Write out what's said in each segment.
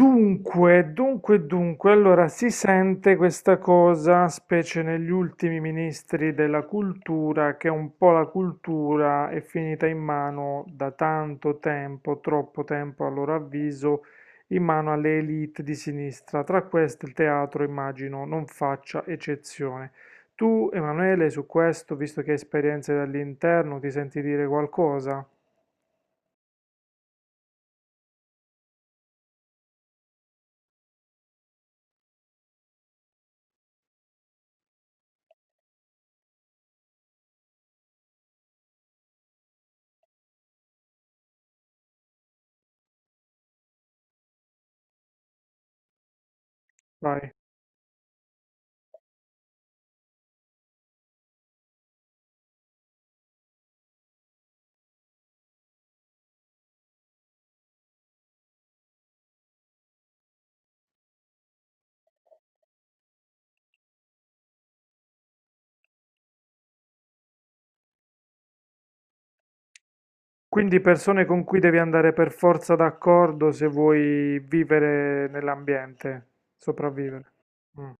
Dunque, allora si sente questa cosa, specie negli ultimi ministri della cultura, che un po' la cultura è finita in mano da tanto tempo, troppo tempo a loro avviso, in mano alle elite di sinistra. Tra queste il teatro, immagino, non faccia eccezione. Tu, Emanuele, su questo, visto che hai esperienze dall'interno, ti senti dire qualcosa? Vai. Quindi persone con cui devi andare per forza d'accordo se vuoi vivere nell'ambiente, sopravvivere. Mm.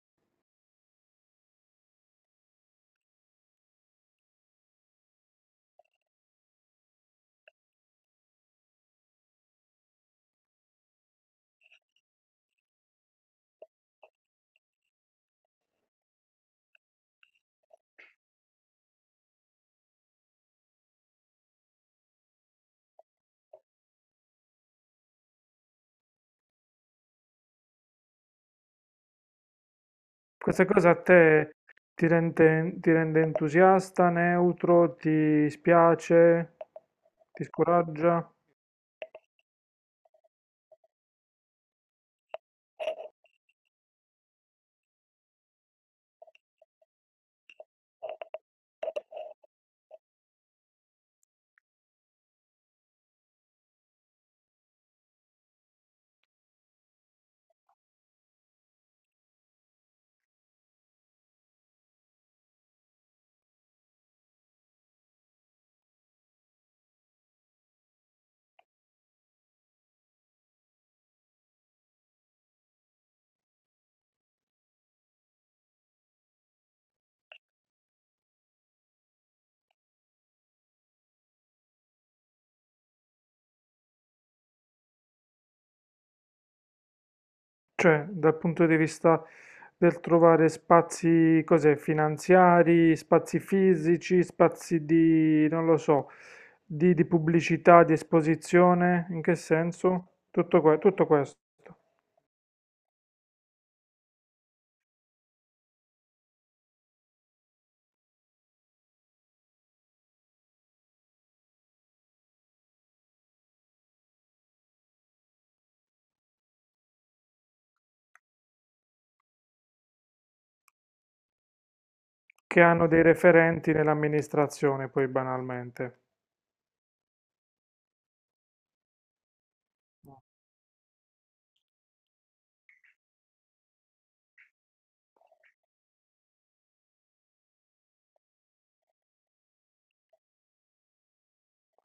Questa cosa a te ti rende entusiasta, neutro, ti spiace, ti scoraggia? Cioè, dal punto di vista del trovare spazi, cos'è, finanziari, spazi fisici, spazi di, non lo so, di, pubblicità, di esposizione, in che senso? Tutto, tutto questo, che hanno dei referenti nell'amministrazione, poi banalmente.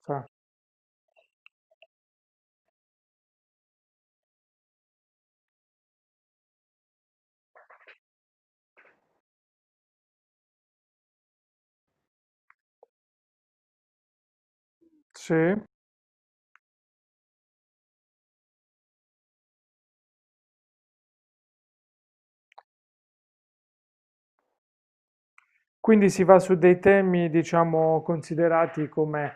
Sa. Sì. Quindi si va su dei temi, diciamo, considerati come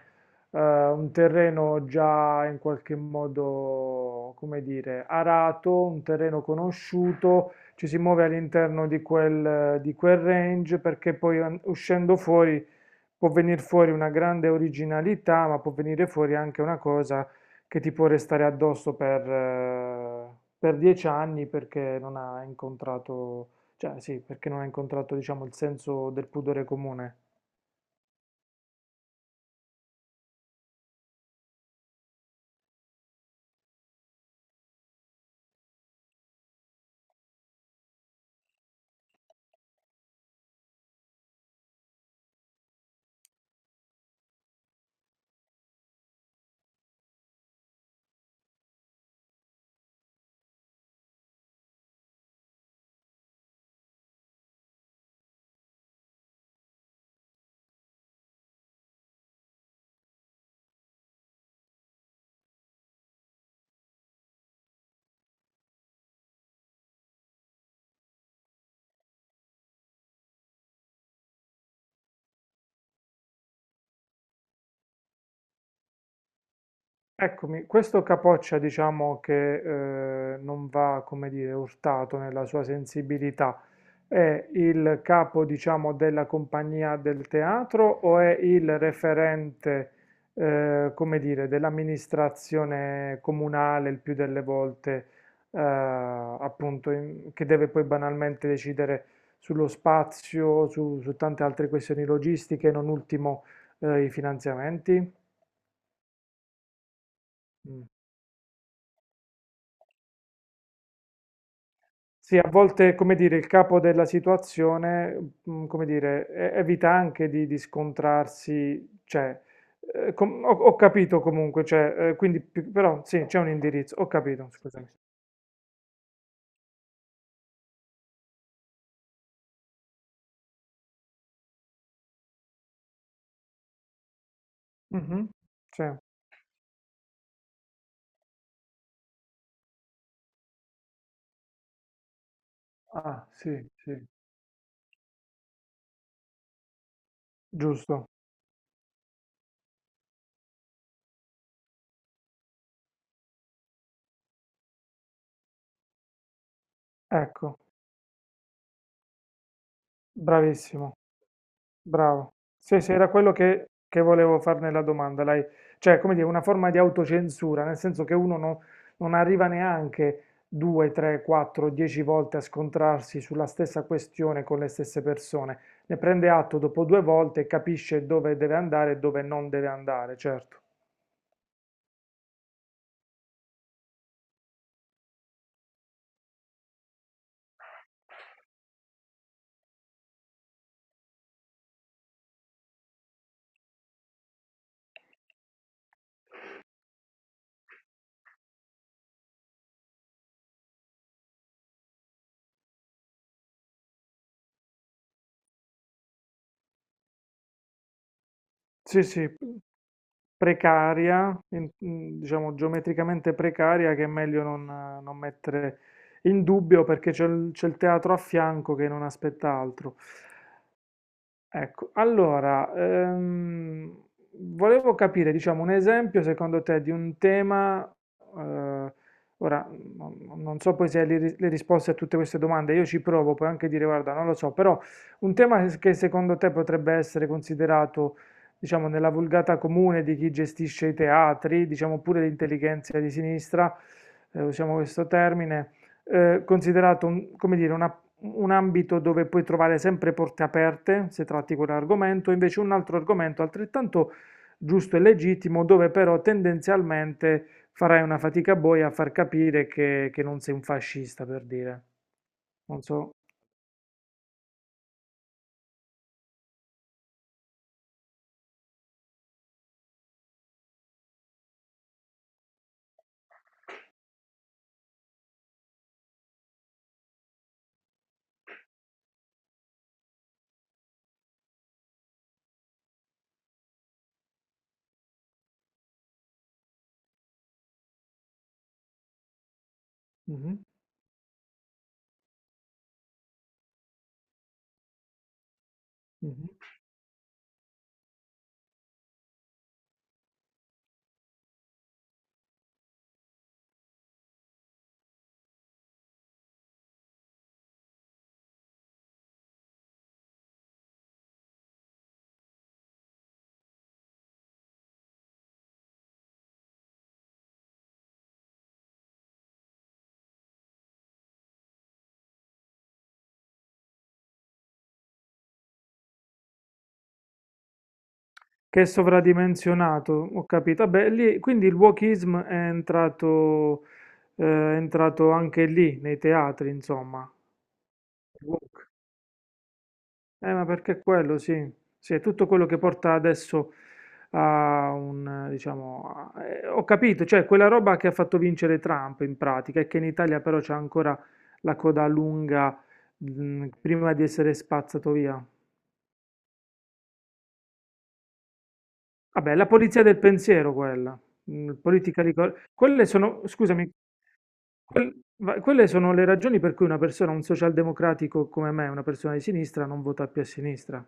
un terreno già in qualche modo, come dire, arato, un terreno conosciuto, ci si muove all'interno di quel range perché poi uscendo fuori può venire fuori una grande originalità, ma può venire fuori anche una cosa che ti può restare addosso per 10 anni perché non ha incontrato, cioè sì, perché non ha incontrato, diciamo, il senso del pudore comune. Eccomi, questo capoccia diciamo che non va, come dire, urtato nella sua sensibilità, è il capo diciamo della compagnia del teatro o è il referente, come dire, dell'amministrazione comunale il più delle volte, appunto, che deve poi banalmente decidere sullo spazio, su, su tante altre questioni logistiche, non ultimo i finanziamenti? Mm. Sì, a volte, come dire, il capo della situazione, come dire, evita anche di, scontrarsi, cioè, ho capito comunque, cioè, quindi, però sì, c'è un indirizzo, ho capito, scusami. Mhm, sì. Ah, sì, sì, giusto, ecco, bravissimo. Bravo. Sì, sì, era quello che volevo far nella domanda. Lei, cioè, come dire, una forma di autocensura, nel senso che uno non arriva neanche 2, 3, 4, 10 volte a scontrarsi sulla stessa questione con le stesse persone. Ne prende atto dopo 2 volte e capisce dove deve andare e dove non deve andare, certo. Sì, sì, precaria, diciamo geometricamente precaria, che è meglio non mettere in dubbio perché c'è il teatro a fianco che non aspetta altro. Ecco, allora, volevo capire, diciamo, un esempio secondo te di un tema, eh, ora non so poi se hai le risposte a tutte queste domande, io ci provo, puoi anche dire, guarda, non lo so, però un tema che secondo te potrebbe essere considerato, diciamo, nella vulgata comune di chi gestisce i teatri, diciamo pure l'intelligenza di sinistra, usiamo questo termine, considerato, come dire, una un ambito dove puoi trovare sempre porte aperte se tratti quell'argomento, invece un altro argomento altrettanto giusto e legittimo dove però tendenzialmente farai una fatica boia a far capire che non sei un fascista, per dire. Non so. Mhm, mhm. Che è sovradimensionato, ho capito. Vabbè, lì, quindi il wokism è entrato anche lì, nei teatri, insomma. Ma perché è quello, sì. Sì, è tutto quello che porta adesso a un, diciamo, ho capito, cioè quella roba che ha fatto vincere Trump in pratica, e che in Italia però c'è ancora la coda lunga, prima di essere spazzato via. Vabbè, la polizia del pensiero quella, Quelle sono, scusami, quelle sono le ragioni per cui una persona, un socialdemocratico come me, una persona di sinistra, non vota più a sinistra.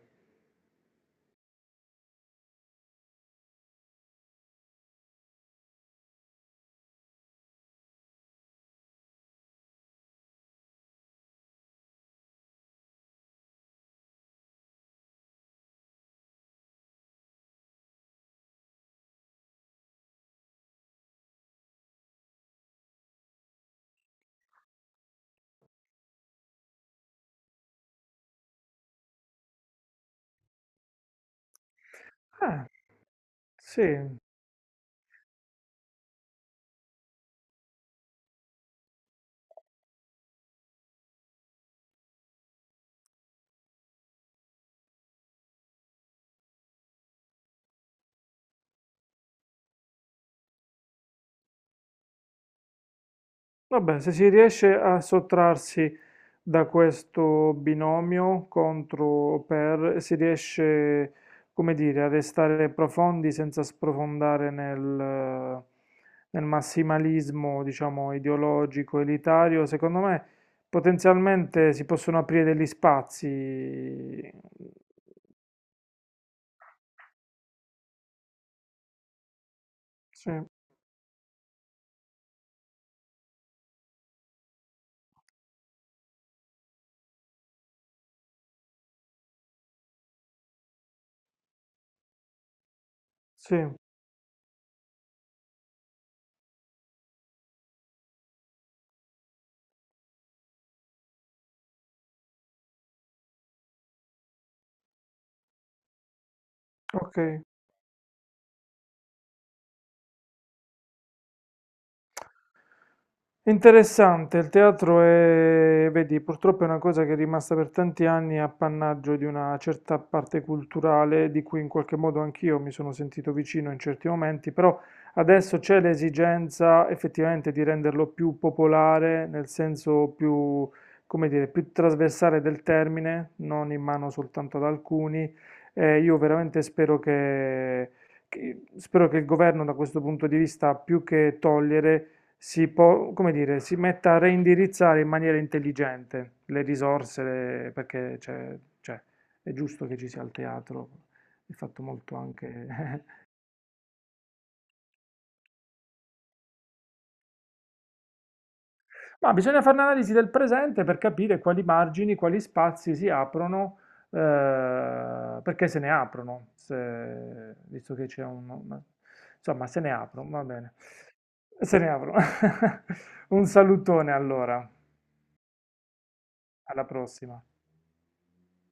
Eh, sì. Vabbè, se si riesce a sottrarsi da questo binomio contro o per, si riesce, come dire, a restare profondi senza sprofondare nel, massimalismo, diciamo, ideologico, elitario, secondo me potenzialmente si possono aprire degli spazi. Sì, sì, ok. È interessante, il teatro è, vedi, purtroppo è una cosa che è rimasta per tanti anni appannaggio di una certa parte culturale di cui in qualche modo anch'io mi sono sentito vicino in certi momenti, però adesso c'è l'esigenza effettivamente di renderlo più popolare, nel senso più, come dire, più trasversale del termine, non in mano soltanto ad alcuni. Io veramente spero che, spero che il governo da questo punto di vista, più che togliere, come dire, si metta a reindirizzare in maniera intelligente le risorse, perché cioè, è giusto che ci sia il teatro, è fatto molto anche... Ma bisogna fare un'analisi del presente per capire quali margini, quali spazi si aprono, perché se ne aprono, visto che c'è un... Insomma, se ne aprono, va bene. Se ne aprono. Un salutone allora, alla prossima.